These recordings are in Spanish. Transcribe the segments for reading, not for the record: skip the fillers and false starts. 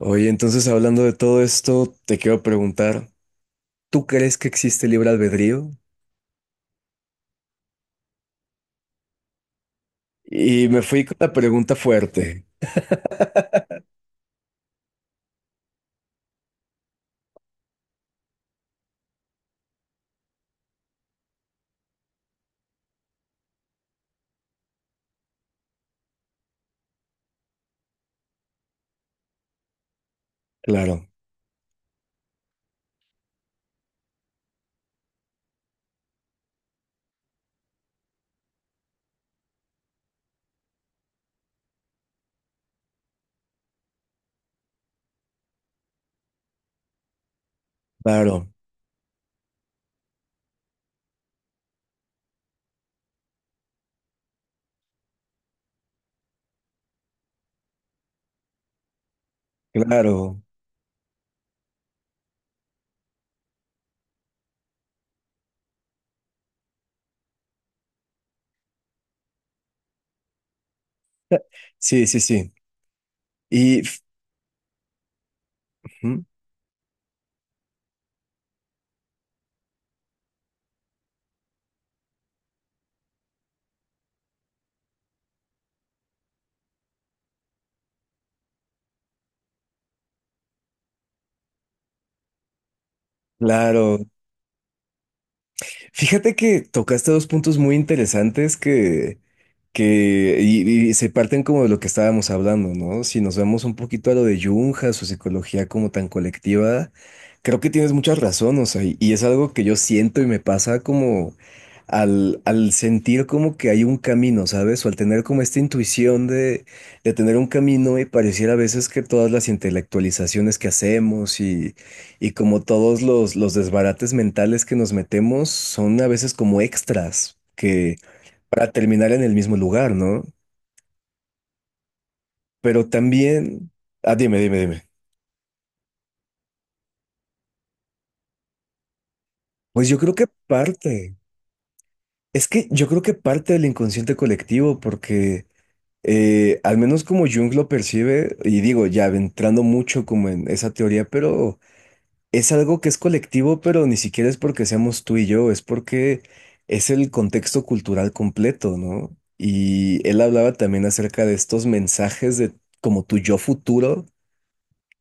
Oye, entonces hablando de todo esto, te quiero preguntar, ¿tú crees que existe libre albedrío? Y me fui con la pregunta fuerte. Claro, claro, claro. Sí, sí, sí. Y f- ujú, claro. Fíjate que tocaste dos puntos muy interesantes que se parten como de lo que estábamos hablando, ¿no? Si nos vemos un poquito a lo de Jung, a su psicología como tan colectiva, creo que tienes mucha razón, o sea, y es algo que yo siento y me pasa como al sentir como que hay un camino, ¿sabes? O al tener como esta intuición de tener un camino y pareciera a veces que todas las intelectualizaciones que hacemos y como todos los desbarates mentales que nos metemos son a veces como extras que para terminar en el mismo lugar, ¿no? Pero también, ah, dime, dime, dime. Pues yo creo que parte, es que yo creo que parte del inconsciente colectivo, porque al menos como Jung lo percibe, y digo, ya entrando mucho como en esa teoría, pero es algo que es colectivo, pero ni siquiera es porque seamos tú y yo, es porque es el contexto cultural completo, ¿no? Y él hablaba también acerca de estos mensajes de como tu yo futuro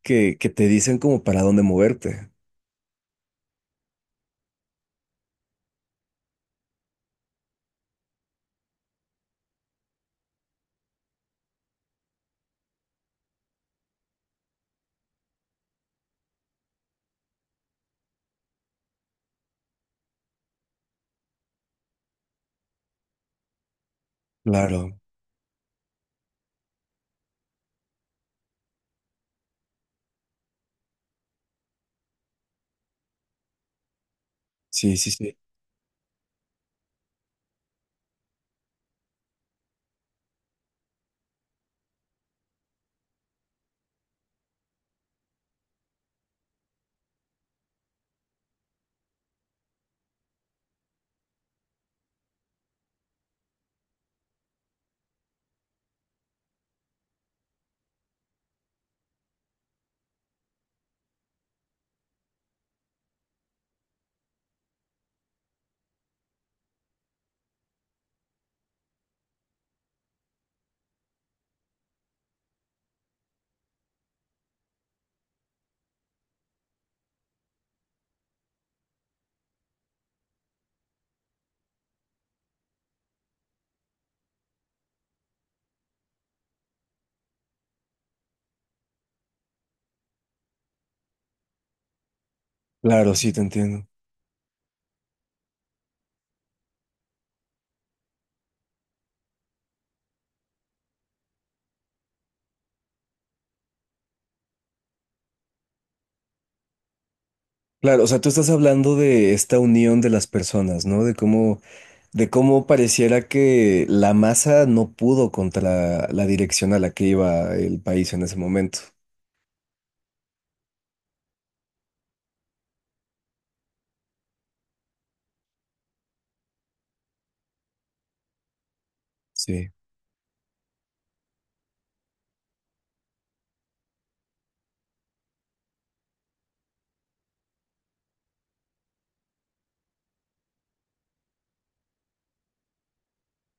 que te dicen como para dónde moverte. Claro, sí, sí, sí. Claro, sí, te entiendo. Claro, o sea, tú estás hablando de esta unión de las personas, ¿no? De cómo pareciera que la masa no pudo contra la dirección a la que iba el país en ese momento. Sí.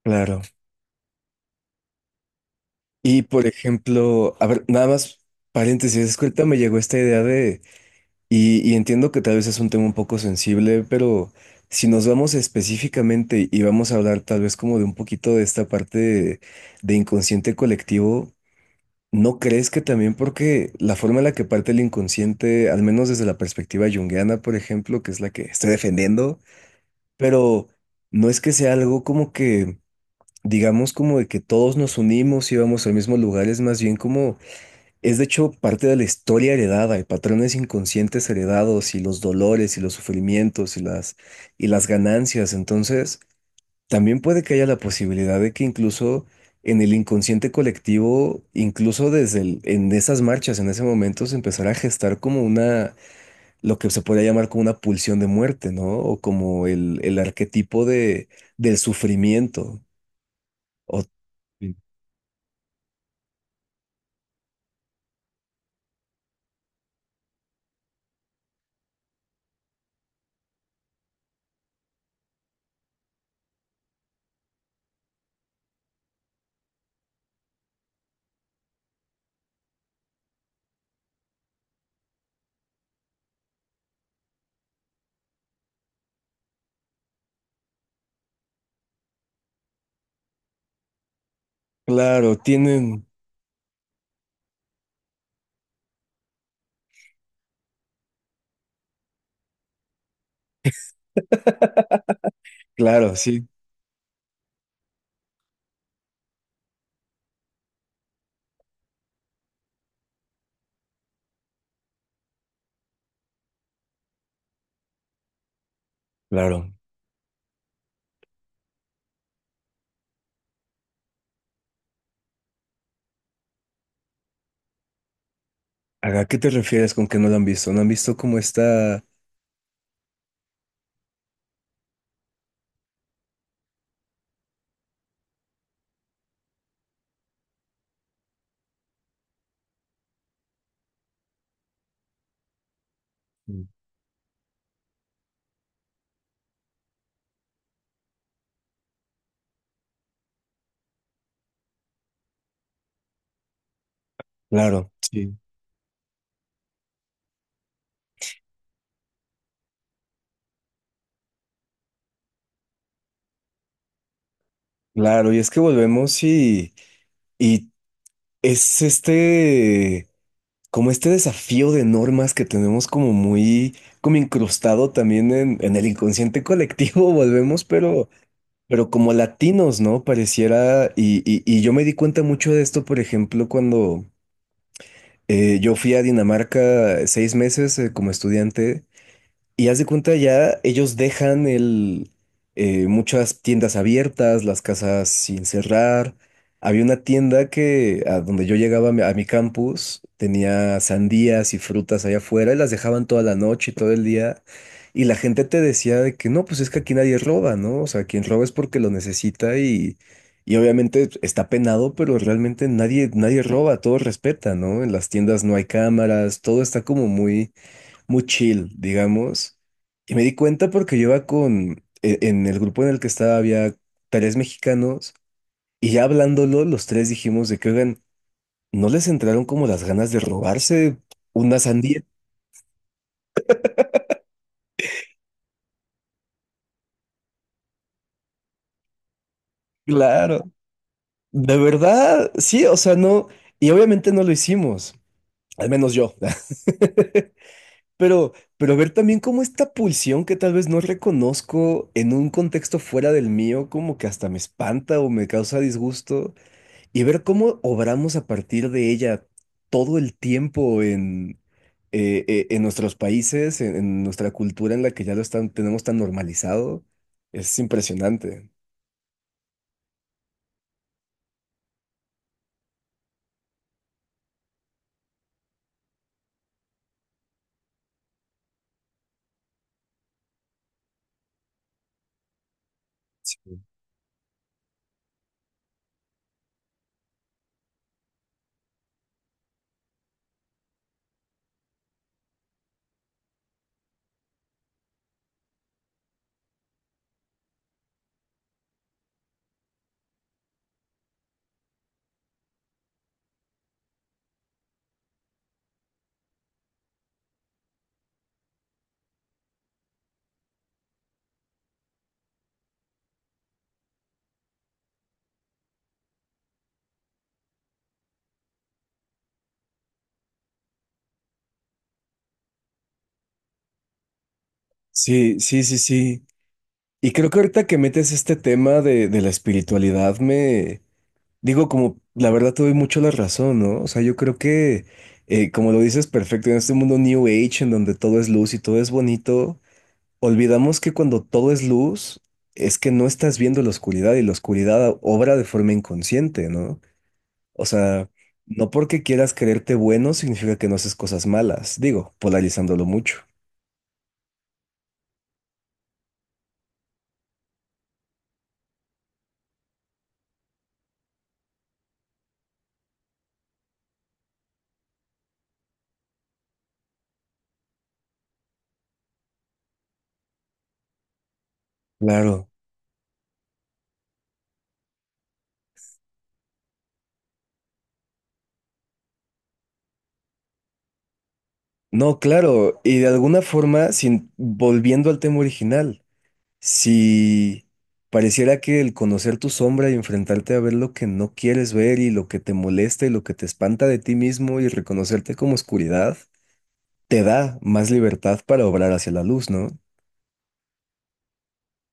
Claro. Y por ejemplo, a ver, nada más paréntesis, es que ahorita me llegó esta idea de, y entiendo que tal vez es un tema un poco sensible, pero si nos vamos específicamente y vamos a hablar tal vez como de un poquito de esta parte de inconsciente colectivo, ¿no crees que también porque la forma en la que parte el inconsciente, al menos desde la perspectiva junguiana, por ejemplo, que es la que estoy defendiendo, pero no es que sea algo como que, digamos como de que todos nos unimos y vamos al mismo lugar, es más bien como es de hecho parte de la historia heredada y patrones inconscientes heredados y los dolores y los sufrimientos y las ganancias. Entonces, también puede que haya la posibilidad de que incluso en el inconsciente colectivo, incluso desde en esas marchas, en ese momento, se empezará a gestar como una, lo que se podría llamar como una pulsión de muerte, ¿no? O como el arquetipo de, del sufrimiento. O, sí, claro, tienen, claro, sí, claro. ¿A qué te refieres con que no lo han visto? ¿No han visto cómo está? Mm. Claro, sí. Claro, y es que volvemos y es este, como este desafío de normas que tenemos como muy, como incrustado también en el inconsciente colectivo, volvemos, pero como latinos, ¿no? Pareciera, y yo me di cuenta mucho de esto, por ejemplo, cuando yo fui a Dinamarca 6 meses, como estudiante. Y haz de cuenta ya, ellos dejan el, muchas tiendas abiertas, las casas sin cerrar. Había una tienda que a donde yo llegaba a mi campus tenía sandías y frutas allá afuera y las dejaban toda la noche y todo el día. Y la gente te decía de que no, pues es que aquí nadie roba, ¿no? O sea, quien roba es porque lo necesita y obviamente está penado, pero realmente nadie, nadie roba, todo respeta, ¿no? En las tiendas no hay cámaras, todo está como muy muy chill, digamos. Y me di cuenta porque yo iba con, en el grupo en el que estaba había tres mexicanos y ya hablándolo, los tres dijimos de que, oigan, ¿no les entraron como las ganas de robarse una sandía? Claro, de verdad, sí, o sea, no, y obviamente no lo hicimos, al menos yo. Pero ver también cómo esta pulsión que tal vez no reconozco en un contexto fuera del mío, como que hasta me espanta o me causa disgusto. Y ver cómo obramos a partir de ella todo el tiempo en nuestros países, en nuestra cultura en la que ya lo están, tenemos tan normalizado, es impresionante. Sí. Sí, sí, sí, sí. Y creo que ahorita que metes este tema de la espiritualidad, me digo, como la verdad te doy mucho la razón, ¿no? O sea, yo creo que, como lo dices perfecto, en este mundo New Age, en donde todo es luz y todo es bonito, olvidamos que cuando todo es luz, es que no estás viendo la oscuridad y la oscuridad obra de forma inconsciente, ¿no? O sea, no porque quieras creerte bueno significa que no haces cosas malas, digo, polarizándolo mucho. Claro. No, claro, y de alguna forma, sin, volviendo al tema original, si pareciera que el conocer tu sombra y enfrentarte a ver lo que no quieres ver y lo que te molesta y lo que te espanta de ti mismo y reconocerte como oscuridad, te da más libertad para obrar hacia la luz, ¿no?